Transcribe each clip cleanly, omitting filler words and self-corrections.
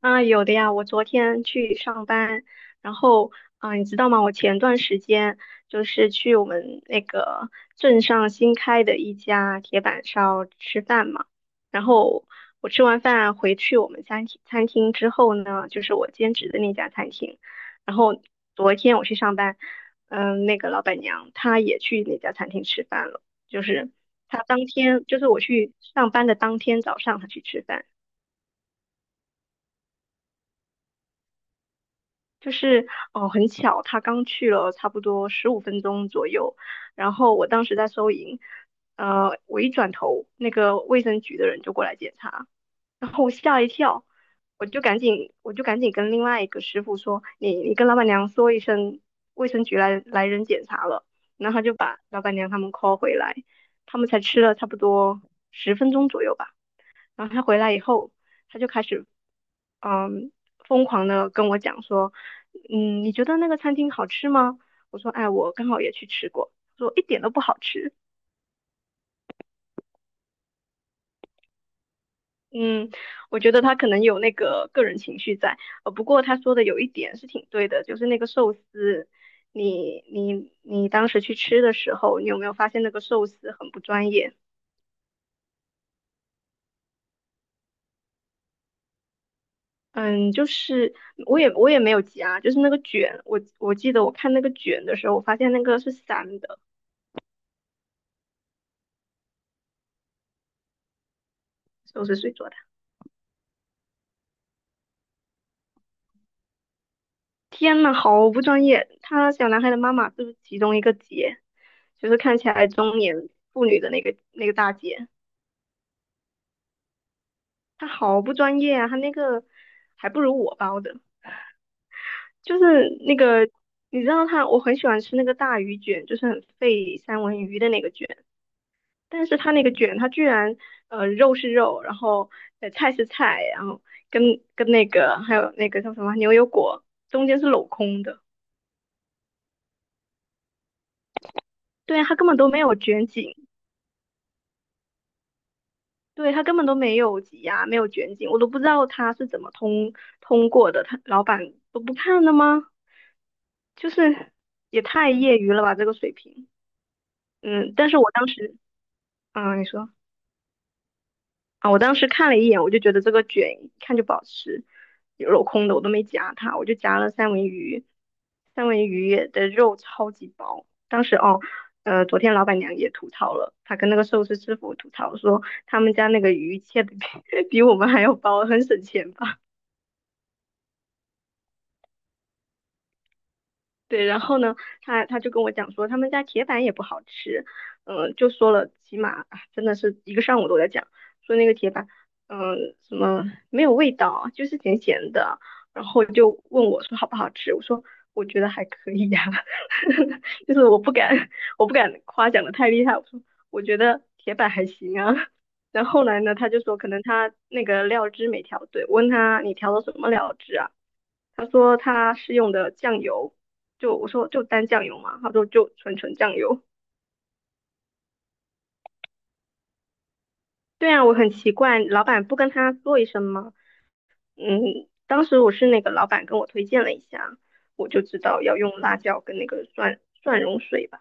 啊，有的呀，我昨天去上班，然后，你知道吗？我前段时间就是去我们那个镇上新开的一家铁板烧吃饭嘛。然后我吃完饭回去我们餐厅之后呢，就是我兼职的那家餐厅。然后昨天我去上班，那个老板娘她也去那家餐厅吃饭了，就是她当天，就是我去上班的当天早上她去吃饭。就是哦，很巧，他刚去了差不多15分钟左右，然后我当时在收银。我一转头，那个卫生局的人就过来检查，然后我吓一跳，我就赶紧跟另外一个师傅说，你跟老板娘说一声，卫生局来人检查了，然后他就把老板娘他们 call 回来，他们才吃了差不多10分钟左右吧。然后他回来以后，他就开始，嗯，疯狂的跟我讲说：你觉得那个餐厅好吃吗？我说，哎，我刚好也去吃过，他说一点都不好吃。嗯，我觉得他可能有那个个人情绪在。不过他说的有一点是挺对的，就是那个寿司，你当时去吃的时候，你有没有发现那个寿司很不专业？嗯，就是我也没有夹，就是那个卷，我记得我看那个卷的时候，我发现那个是散的。都是谁做的？天呐，好不专业！他小男孩的妈妈就是其中一个姐？就是看起来中年妇女的那个大姐。她好不专业啊！她那个还不如我包的。就是那个你知道她，我很喜欢吃那个大鱼卷，就是很费三文鱼的那个卷，但是她那个卷，她居然肉是肉，然后菜是菜，然后跟跟那个还有那个叫什么牛油果中间是镂空的。对啊，她根本都没有卷紧。对，他根本都没有挤压，没有卷紧，我都不知道他是怎么通过的，他老板都不看的吗？就是也太业余了吧，这个水平。嗯，但是我当时，嗯，你说。啊，我当时看了一眼，我就觉得这个卷一看就不好吃，有镂空的我都没夹它，我就夹了三文鱼，三文鱼的肉超级薄。当时哦，昨天老板娘也吐槽了，她跟那个寿司师傅吐槽说，他们家那个鱼切的比 比我们还要薄，很省钱吧。对。然后呢，他就跟我讲说他们家铁板也不好吃。就说了，起码啊真的是一个上午都在讲，说那个铁板，嗯、什么没有味道，就是咸咸的，然后就问我说好不好吃，我说我觉得还可以呀。就是我不敢夸奖的太厉害，我说我觉得铁板还行啊。然后后来呢，他就说可能他那个料汁没调对，我问他你调的什么料汁啊？他说他是用的酱油，就我说就单酱油嘛，他说就纯纯酱油。对啊，我很奇怪，老板不跟他说一声吗？嗯，当时我是那个老板跟我推荐了一下，我就知道要用辣椒跟那个蒜蓉水吧。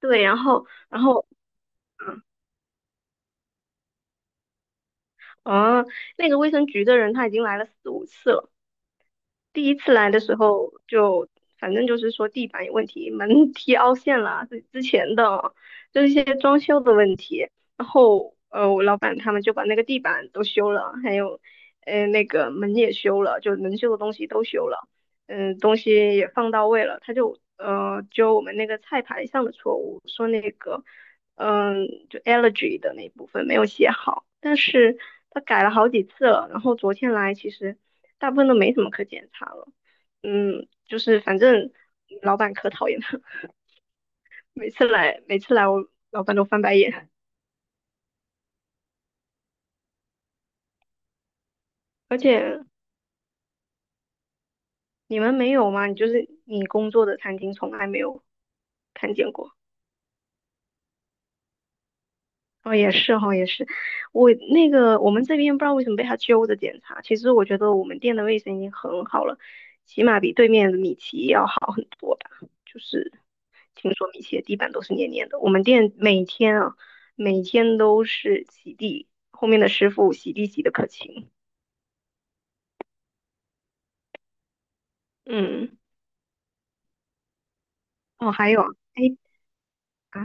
对，然后嗯啊，那个卫生局的人他已经来了四五次了。第一次来的时候就，反正就是说地板有问题，门 踢凹陷了，是之前的哦，就是一些装修的问题。然后，我老板他们就把那个地板都修了。还有，那个门也修了，就能修的东西都修了，东西也放到位了。他就，就我们那个菜牌上的错误，说那个。嗯，就 allergy 的那一部分没有写好，但是他改了好几次了。然后昨天来其实大部分都没什么可检查了。嗯，就是反正老板可讨厌他，每次来我老板都翻白眼。而且你们没有吗？你就是你工作的餐厅从来没有看见过。哦，也是哈，也是。我那个我们这边不知道为什么被他揪着检查。其实我觉得我们店的卫生已经很好了，起码比对面的米奇要好很多吧。就是听说米奇的地板都是黏黏的，我们店每天啊，每天都是洗地，后面的师傅洗地洗的可勤。嗯。哦，还有啊。哎。啊，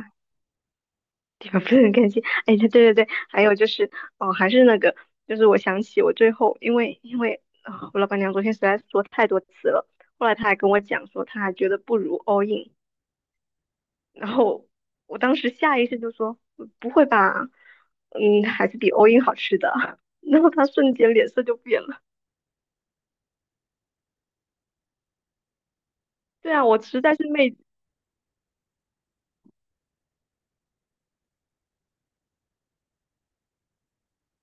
地方不是很干净。哎，对对对，还有就是，哦，还是那个，就是我想起我最后，因为啊、我老板娘昨天实在说太多次了，后来她还跟我讲说，她还觉得不如 all in，然后我当时下意识就说，嗯不会吧。嗯，还是比 all in 好吃的。然后她瞬间脸色就变了。对啊，我实在是没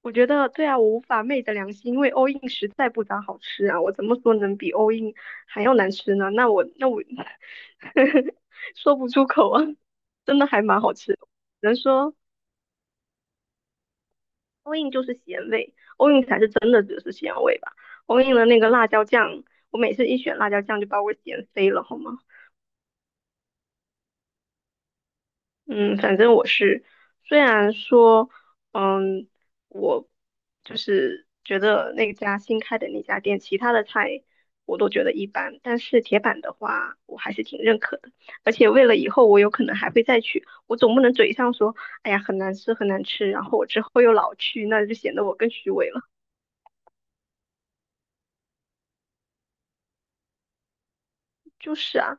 我觉得对啊，我无法昧着良心，因为 all in 实在不咋好吃啊，我怎么说能比 all in 还要难吃呢？那我 说不出口啊，真的还蛮好吃的，只能说 all in 就是咸味，all in 才是真的只是咸味吧。all in 的那个辣椒酱，我每次一选辣椒酱就把我咸飞了，好吗？嗯，反正我是，虽然说，嗯，我就是觉得那家新开的那家店，其他的菜我都觉得一般，但是铁板的话，我还是挺认可的。而且为了以后我有可能还会再去，我总不能嘴上说，哎呀，很难吃，很难吃，然后我之后又老去，那就显得我更虚伪了。就是啊。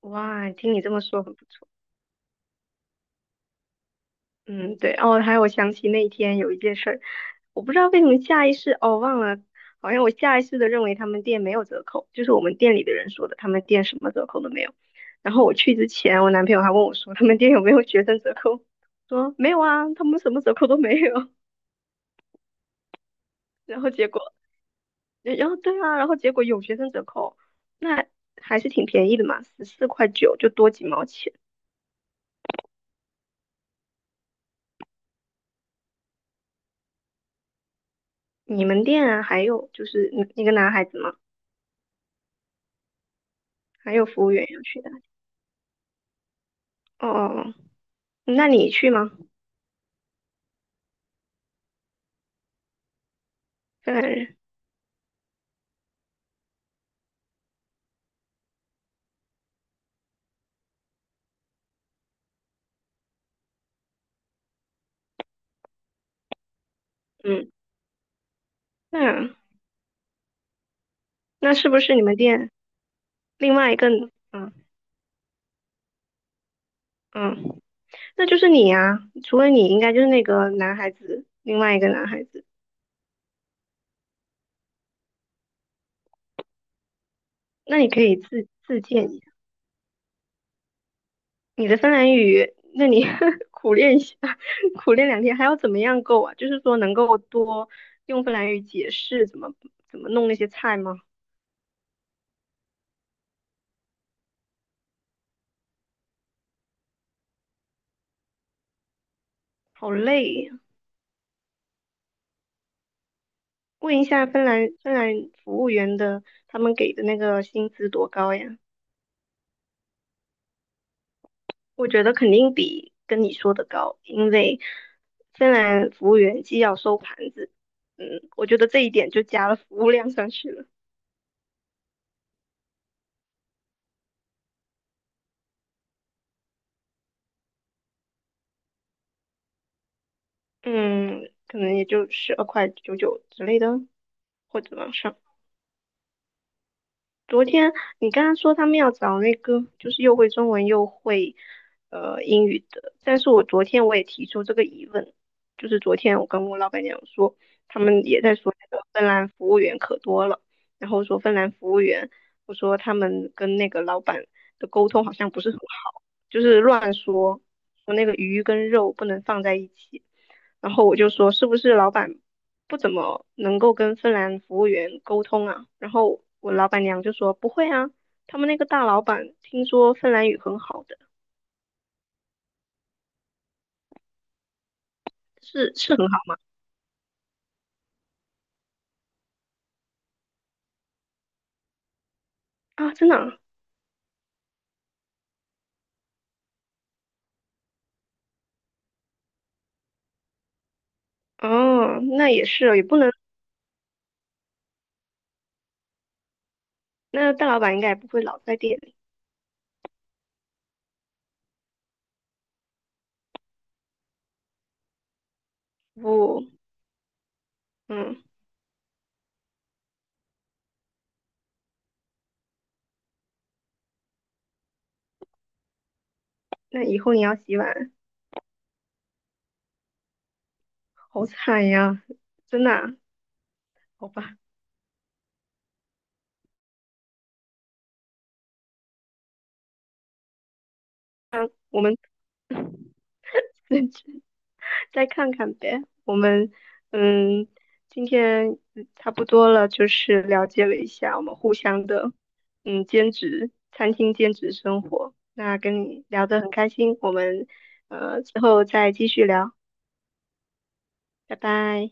哇，听你这么说，很不错。嗯，对，哦，还有我想起那一天有一件事儿。我不知道为什么下意识，哦，忘了，好像我下意识的认为他们店没有折扣，就是我们店里的人说的，他们店什么折扣都没有。然后我去之前，我男朋友还问我说，他们店有没有学生折扣？说没有啊，他们什么折扣都没有。然后结果，然后对啊，然后结果有学生折扣，那还是挺便宜的嘛，14.9块就多几毛钱。你们店啊，还有就是一个男孩子吗？还有服务员要去的。哦哦哦，那你去吗？芬兰人。嗯，那那是不是你们店另外一个？嗯嗯，那就是你呀、除了你，应该就是那个男孩子，另外一个男孩子。那你可以自荐一下你的芬兰语，那你 苦练一下，苦练2天，还要怎么样够啊？就是说能够多用芬兰语解释怎么弄那些菜吗？好累呀、问一下芬兰服务员的，他们给的那个薪资多高呀？我觉得肯定比跟你说的高，因为芬兰服务员既要收盘子，嗯，我觉得这一点就加了服务量上去了。嗯，可能也就12.99块之类的，或者往上。昨天你刚刚说他们要找那个，就是又会中文又会英语的，但是我昨天我也提出这个疑问，就是昨天我跟我老板娘说，他们也在说那个芬兰服务员可多了，然后说芬兰服务员，我说他们跟那个老板的沟通好像不是很好，就是乱说，说那个鱼跟肉不能放在一起，然后我就说是不是老板不怎么能够跟芬兰服务员沟通啊。然后我老板娘就说不会啊，他们那个大老板听说芬兰语很好的，是是很好啊，真的啊。哦，那也是哦，也不能，那大老板应该也不会老在店里。不。嗯，那以后你要洗碗，好惨呀，真的啊。好吧，我们 自再看看呗。我们嗯，今天差不多了，就是了解了一下我们互相的兼职餐厅兼职生活。那跟你聊得很开心，我们之后再继续聊。拜拜。